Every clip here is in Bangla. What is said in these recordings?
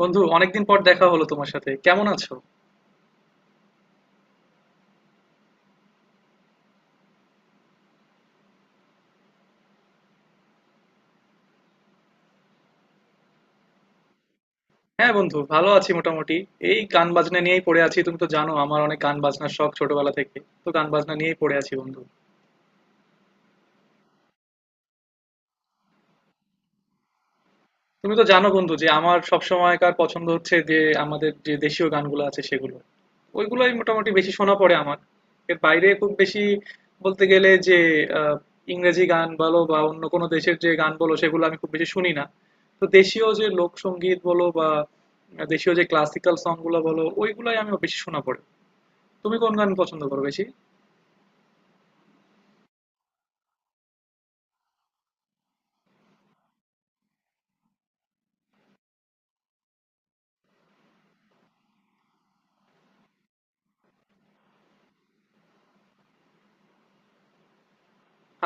বন্ধু, অনেকদিন পর দেখা হলো তোমার সাথে। কেমন আছো? হ্যাঁ বন্ধু, ভালো আছি মোটামুটি। এই গান বাজনা নিয়েই পড়ে আছি। তুমি তো জানো আমার অনেক গান বাজনার শখ ছোটবেলা থেকে। তো গান বাজনা নিয়েই পড়ে আছি বন্ধু। তুমি তো জানো বন্ধু যে আমার সব সময়কার পছন্দ হচ্ছে যে আমাদের যে দেশীয় গানগুলো আছে সেগুলো, ওইগুলোই মোটামুটি বেশি শোনা পড়ে আমার। এর বাইরে খুব বেশি বলতে গেলে যে আহ, ইংরেজি গান বলো বা অন্য কোনো দেশের যে গান বলো, সেগুলো আমি খুব বেশি শুনি না। তো দেশীয় যে লোকসঙ্গীত বলো বা দেশীয় যে ক্লাসিক্যাল সং গুলো বলো, ওইগুলাই আমি বেশি শোনা পড়ে। তুমি কোন গান পছন্দ করো বেশি?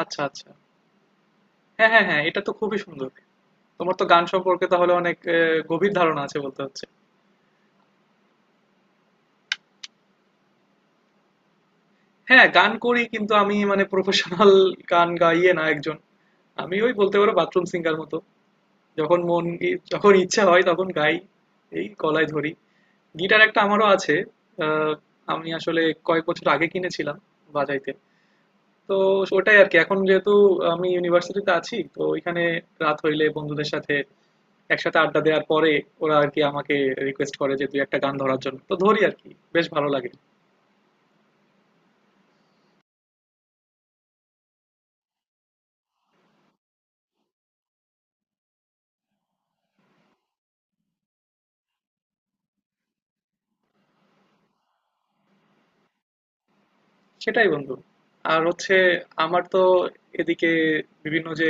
আচ্ছা আচ্ছা। হ্যাঁ হ্যাঁ হ্যাঁ, এটা তো খুবই সুন্দর। তোমার তো গান সম্পর্কে তাহলে অনেক গভীর ধারণা আছে বলতে হচ্ছে। হ্যাঁ, গান করি কিন্তু আমি মানে প্রফেশনাল গান গাইয়ে না একজন। আমি ওই বলতে পারো বাথরুম সিঙ্গার মতো। যখন ইচ্ছা হয় তখন গাই। এই গলায় ধরি। গিটার একটা আমারও আছে। আহ, আমি আসলে কয়েক বছর আগে কিনেছিলাম বাজাইতে। তো ওটাই আর কি। এখন যেহেতু আমি ইউনিভার্সিটিতে আছি তো ওইখানে রাত হইলে বন্ধুদের সাথে একসাথে আড্ডা দেওয়ার পরে ওরা আর কি আমাকে রিকোয়েস্ট করে যে দুই একটা গান ধরার জন্য। তো ধরি আর কি। বেশ ভালো লাগে। সেটাই বন্ধু। আর হচ্ছে আমার তো এদিকে বিভিন্ন যে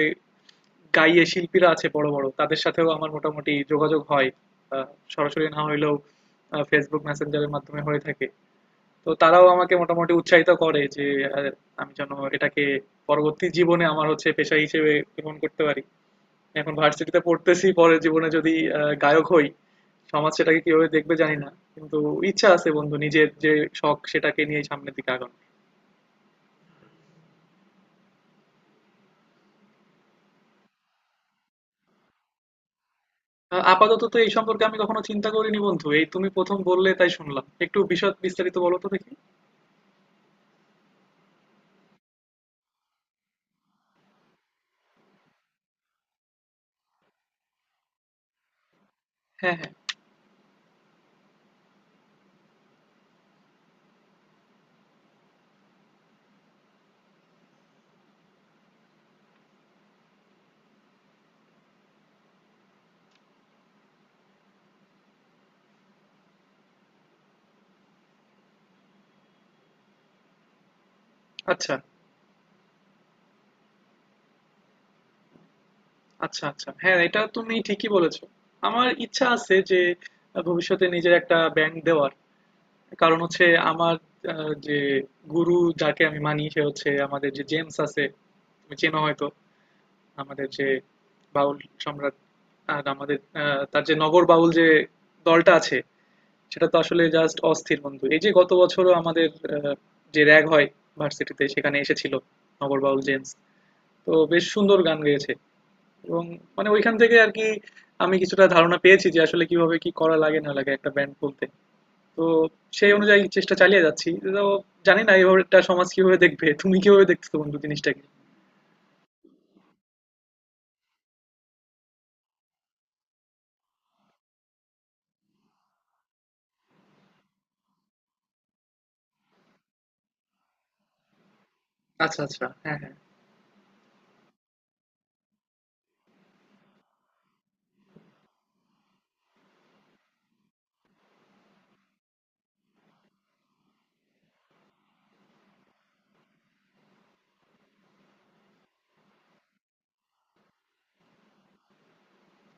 গাইয়ে শিল্পীরা আছে বড় বড়, তাদের সাথেও আমার মোটামুটি যোগাযোগ হয়। আহ, সরাসরি না হইলেও ফেসবুক মেসেঞ্জারের মাধ্যমে হয়ে থাকে। তো তারাও আমাকে মোটামুটি উৎসাহিত করে যে আহ, আমি যেন এটাকে পরবর্তী জীবনে আমার হচ্ছে পেশা হিসেবে গ্রহণ করতে পারি। এখন ভার্সিটিতে পড়তেছি, পরে জীবনে যদি গায়ক হই, সমাজ সেটাকে কিভাবে দেখবে জানি না, কিন্তু ইচ্ছা আছে বন্ধু নিজের যে শখ সেটাকে নিয়ে সামনের দিকে আগানো। আপাতত তো এই সম্পর্কে আমি কখনো চিন্তা করিনি বন্ধু, এই তুমি প্রথম বললে, তাই শুনলাম একটু। বিশদ বিস্তারিত বলো তো দেখি। হ্যাঁ হ্যাঁ। আচ্ছা। আচ্ছা আচ্ছা, হ্যাঁ, এটা তুমি ঠিকই বলেছো। আমার ইচ্ছা আছে যে ভবিষ্যতে নিজের একটা ব্যাংক দেওয়ার। কারণ হচ্ছে আমার যে গুরু যাকে আমি মানি, সে হচ্ছে আমাদের যে জেমস আছে, তুমি চেনো হয়তো। আমাদের যে বাউল সম্রাট, আর আমাদের তার যে নগর বাউল যে দলটা আছে, সেটা তো আসলে জাস্ট অস্থির বন্ধু। এই যে গত বছরও আমাদের আহ, যে র‍্যাগ হয় ভার্সিটিতে, সেখানে এসেছিল নগর বাউল জেমস। তো বেশ সুন্দর গান গেয়েছে, এবং মানে ওইখান থেকে আর কি আমি কিছুটা ধারণা পেয়েছি যে আসলে কিভাবে কি করা লাগে না লাগে একটা ব্যান্ড খুলতে। তো সেই অনুযায়ী চেষ্টা চালিয়ে যাচ্ছি। তো জানি না, এভাবে এটা সমাজ কিভাবে দেখবে, তুমি কিভাবে দেখছো বন্ধু জিনিসটাকে? আচ্ছা আচ্ছা, হ্যাঁ হ্যাঁ।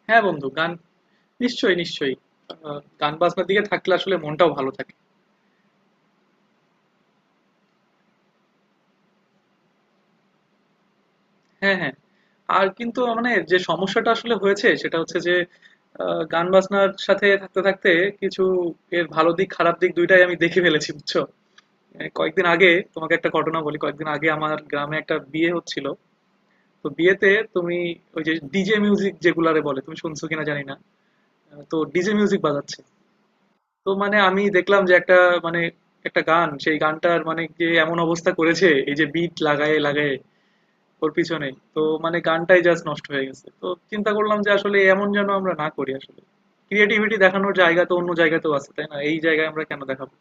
হ্যাঁ বন্ধু, গান নিশ্চয়ই নিশ্চয়ই গান বাজনার দিকে থাকলে আসলে মনটাও ভালো থাকে। হ্যাঁ হ্যাঁ। আর কিন্তু মানে যে সমস্যাটা আসলে হয়েছে, সেটা হচ্ছে যে গান বাজনার সাথে থাকতে থাকতে কিছু এর ভালো দিক খারাপ দিক দুইটাই আমি দেখে ফেলেছি, বুঝছো। এই কয়েকদিন আগে তোমাকে একটা ঘটনা বলি। কয়েকদিন আগে আমার গ্রামে একটা বিয়ে হচ্ছিল। তো বিয়েতে তুমি ওই যে ডিজে মিউজিক যেগুলারে বলে, তুমি শুনছো কিনা জানি না। তো ডিজে মিউজিক বাজাচ্ছে। তো মানে আমি দেখলাম যে একটা, মানে একটা গান, সেই গানটার মানে যে এমন অবস্থা করেছে এই যে বিট লাগায়ে লাগায়ে ওর পিছনেই। তো মানে গানটাই জাস্ট নষ্ট হয়ে গেছে। তো চিন্তা করলাম যে আসলে এমন যেন আমরা না করি আসলে। ক্রিয়েটিভিটি দেখানোর জায়গা তো অন্য জায়গাতেও আছে, তাই না? এই জায়গায় আমরা কেন দেখাবো?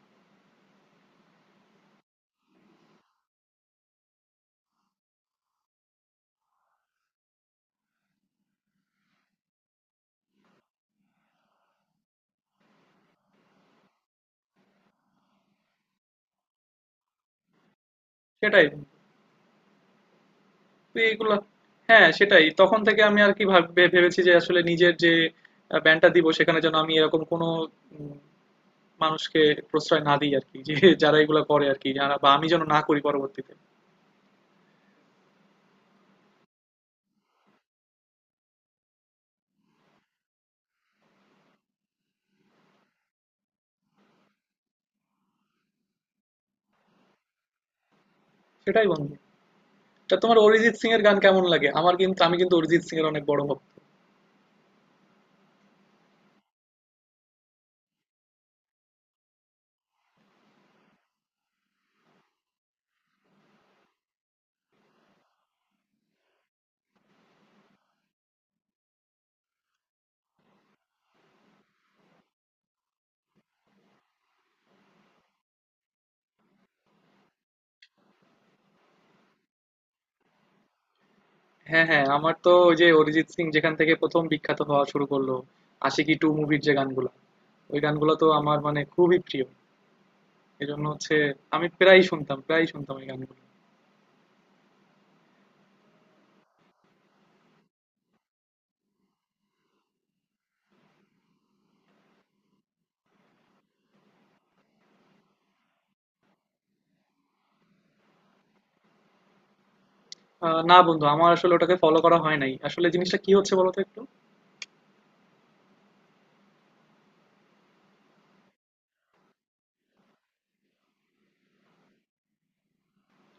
সেটাই। তো এইগুলা হ্যাঁ, সেটাই। তখন থেকে আমি আর কি ভাব ভে ভেবেছি যে আসলে নিজের যে আ ব্যান্ডটা দিব, সেখানে যেন আমি এরকম কোনো উম মানুষকে প্রশ্রয় না দিই আরকি। যে যারা এগুলা করে আরকি, যারা, বা আমি যেন না করি পরবর্তীতে। সেটাই বন্ধু। তা তোমার অরিজিৎ সিং এর গান কেমন লাগে? আমার কিন্তু আমি কিন্তু অরিজিৎ সিং এর অনেক বড় ভক্ত। হ্যাঁ হ্যাঁ, আমার তো ওই যে অরিজিৎ সিং যেখান থেকে প্রথম বিখ্যাত হওয়া শুরু করলো, আশিকি টু মুভির যে গানগুলো, ওই গানগুলো তো আমার মানে খুবই প্রিয়। এজন্য হচ্ছে আমি প্রায়ই শুনতাম ওই গানগুলো। না বন্ধু, আমার আসলে ওটাকে ফলো করা হয় নাই। আসলে জিনিসটা কি হচ্ছে বলো তো একটু।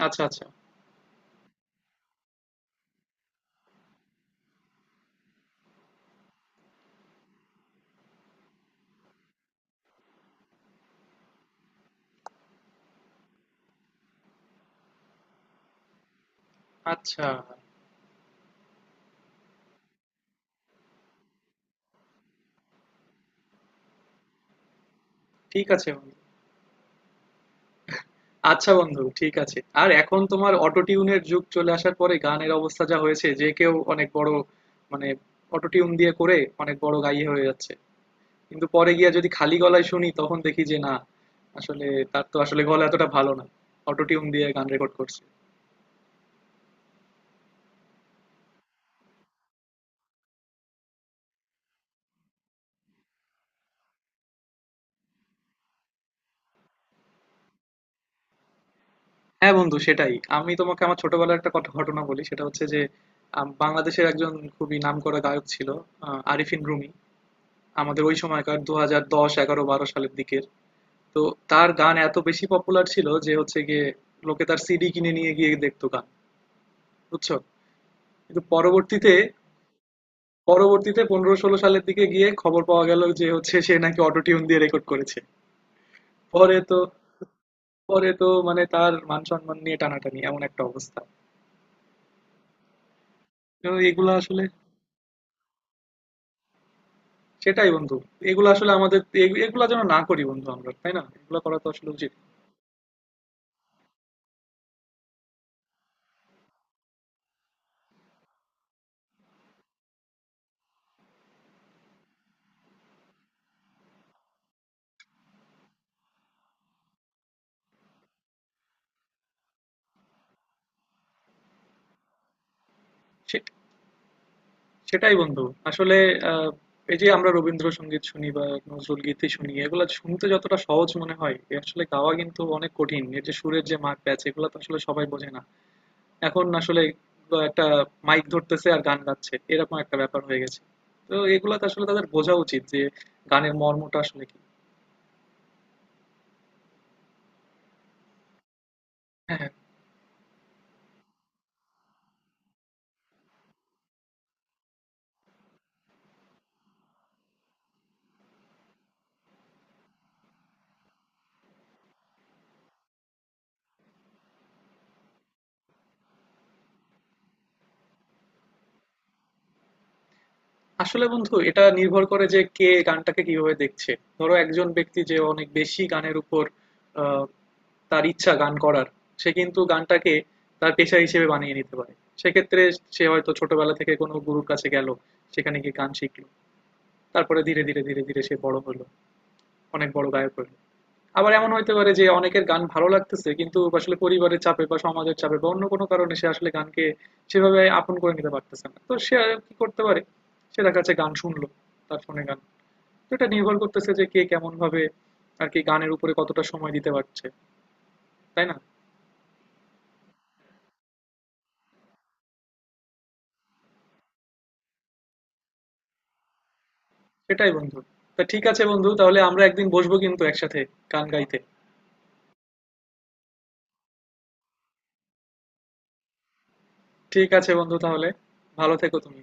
আচ্ছা আচ্ছা। আচ্ছা, ঠিক আছে বন্ধু। আচ্ছা বন্ধু, ঠিক আছে। আর এখন তোমার অটো টিউনের যুগ চলে আসার পরে গানের অবস্থা যা হয়েছে যে কেউ অনেক বড়, মানে অটো টিউন দিয়ে করে অনেক বড় গাইয়ে হয়ে যাচ্ছে, কিন্তু পরে গিয়ে যদি খালি গলায় শুনি তখন দেখি যে না, আসলে তার তো আসলে গলা এতটা ভালো না। অটোটিউন দিয়ে গান রেকর্ড করছে। হ্যাঁ বন্ধু সেটাই। আমি তোমাকে আমার ছোটবেলার একটা ঘটনা বলি। সেটা হচ্ছে যে বাংলাদেশের একজন খুবই নামকরা গায়ক ছিল, আরিফিন রুমি, আমাদের ওই সময়কার 2010-11-12 সালের দিকের। তো তার গান এত বেশি পপুলার ছিল যে হচ্ছে গিয়ে লোকে তার সিডি কিনে নিয়ে গিয়ে দেখতো গান, বুঝছো। কিন্তু পরবর্তীতে, 2015-16 সালের দিকে গিয়ে খবর পাওয়া গেল যে হচ্ছে সে নাকি অটোটিউন দিয়ে রেকর্ড করেছে। পরে তো পরে তো মানে তার মান সম্মান নিয়ে টানাটানি, এমন একটা অবস্থা। তো এগুলা আসলে সেটাই বন্ধু। এগুলা আসলে আমাদের এগুলা যেন না করি বন্ধু আমরা, তাই না? এগুলা করা তো আসলে উচিত সে- সেটাই বন্ধু। আসলে আহ, এই যে আমরা রবীন্দ্রসঙ্গীত শুনি বা নজরুল গীতি শুনি, এগুলা শুনতে যতটা সহজ মনে হয়, এ আসলে গাওয়া কিন্তু অনেক কঠিন। এর যে সুরের যে মার প্যাচ, এগুলা তো আসলে সবাই বোঝে না। এখন আসলে একটা মাইক ধরতেছে আর গান গাচ্ছে, এরকম একটা ব্যাপার হয়ে গেছে। তো এগুলা তো আসলে তাদের বোঝা উচিত যে গানের মর্মটা আসলে কি। হ্যাঁ, হ্যাঁ। আসলে বন্ধু, এটা নির্ভর করে যে কে গানটাকে কিভাবে দেখছে। ধরো একজন ব্যক্তি যে অনেক বেশি গানের উপর আহ, তার ইচ্ছা গান করার, সে কিন্তু গানটাকে তার পেশা হিসেবে বানিয়ে নিতে পারে। সেক্ষেত্রে সে হয়তো ছোটবেলা থেকে কোনো গুরুর কাছে গেল, সেখানে গিয়ে গান শিখলো, তারপরে ধীরে ধীরে সে বড় হলো, অনেক বড় গায়ক হলো। আবার এমন হইতে পারে যে অনেকের গান ভালো লাগতেছে কিন্তু আসলে পরিবারের চাপে বা সমাজের চাপে বা অন্য কোনো কারণে সে আসলে গানকে সেভাবে আপন করে নিতে পারতেছে না, তো সে আর কি করতে পারে? সে দেখা যাচ্ছে গান শুনলো, তার ফোনে গান। তো এটা নির্ভর করতেছে যে কে কেমন ভাবে আর কি গানের উপরে কতটা সময় দিতে পারছে, তাই না? সেটাই বন্ধু। তা ঠিক আছে বন্ধু, তাহলে আমরা একদিন বসবো কিন্তু একসাথে গান গাইতে। ঠিক আছে বন্ধু, তাহলে ভালো থেকো তুমি।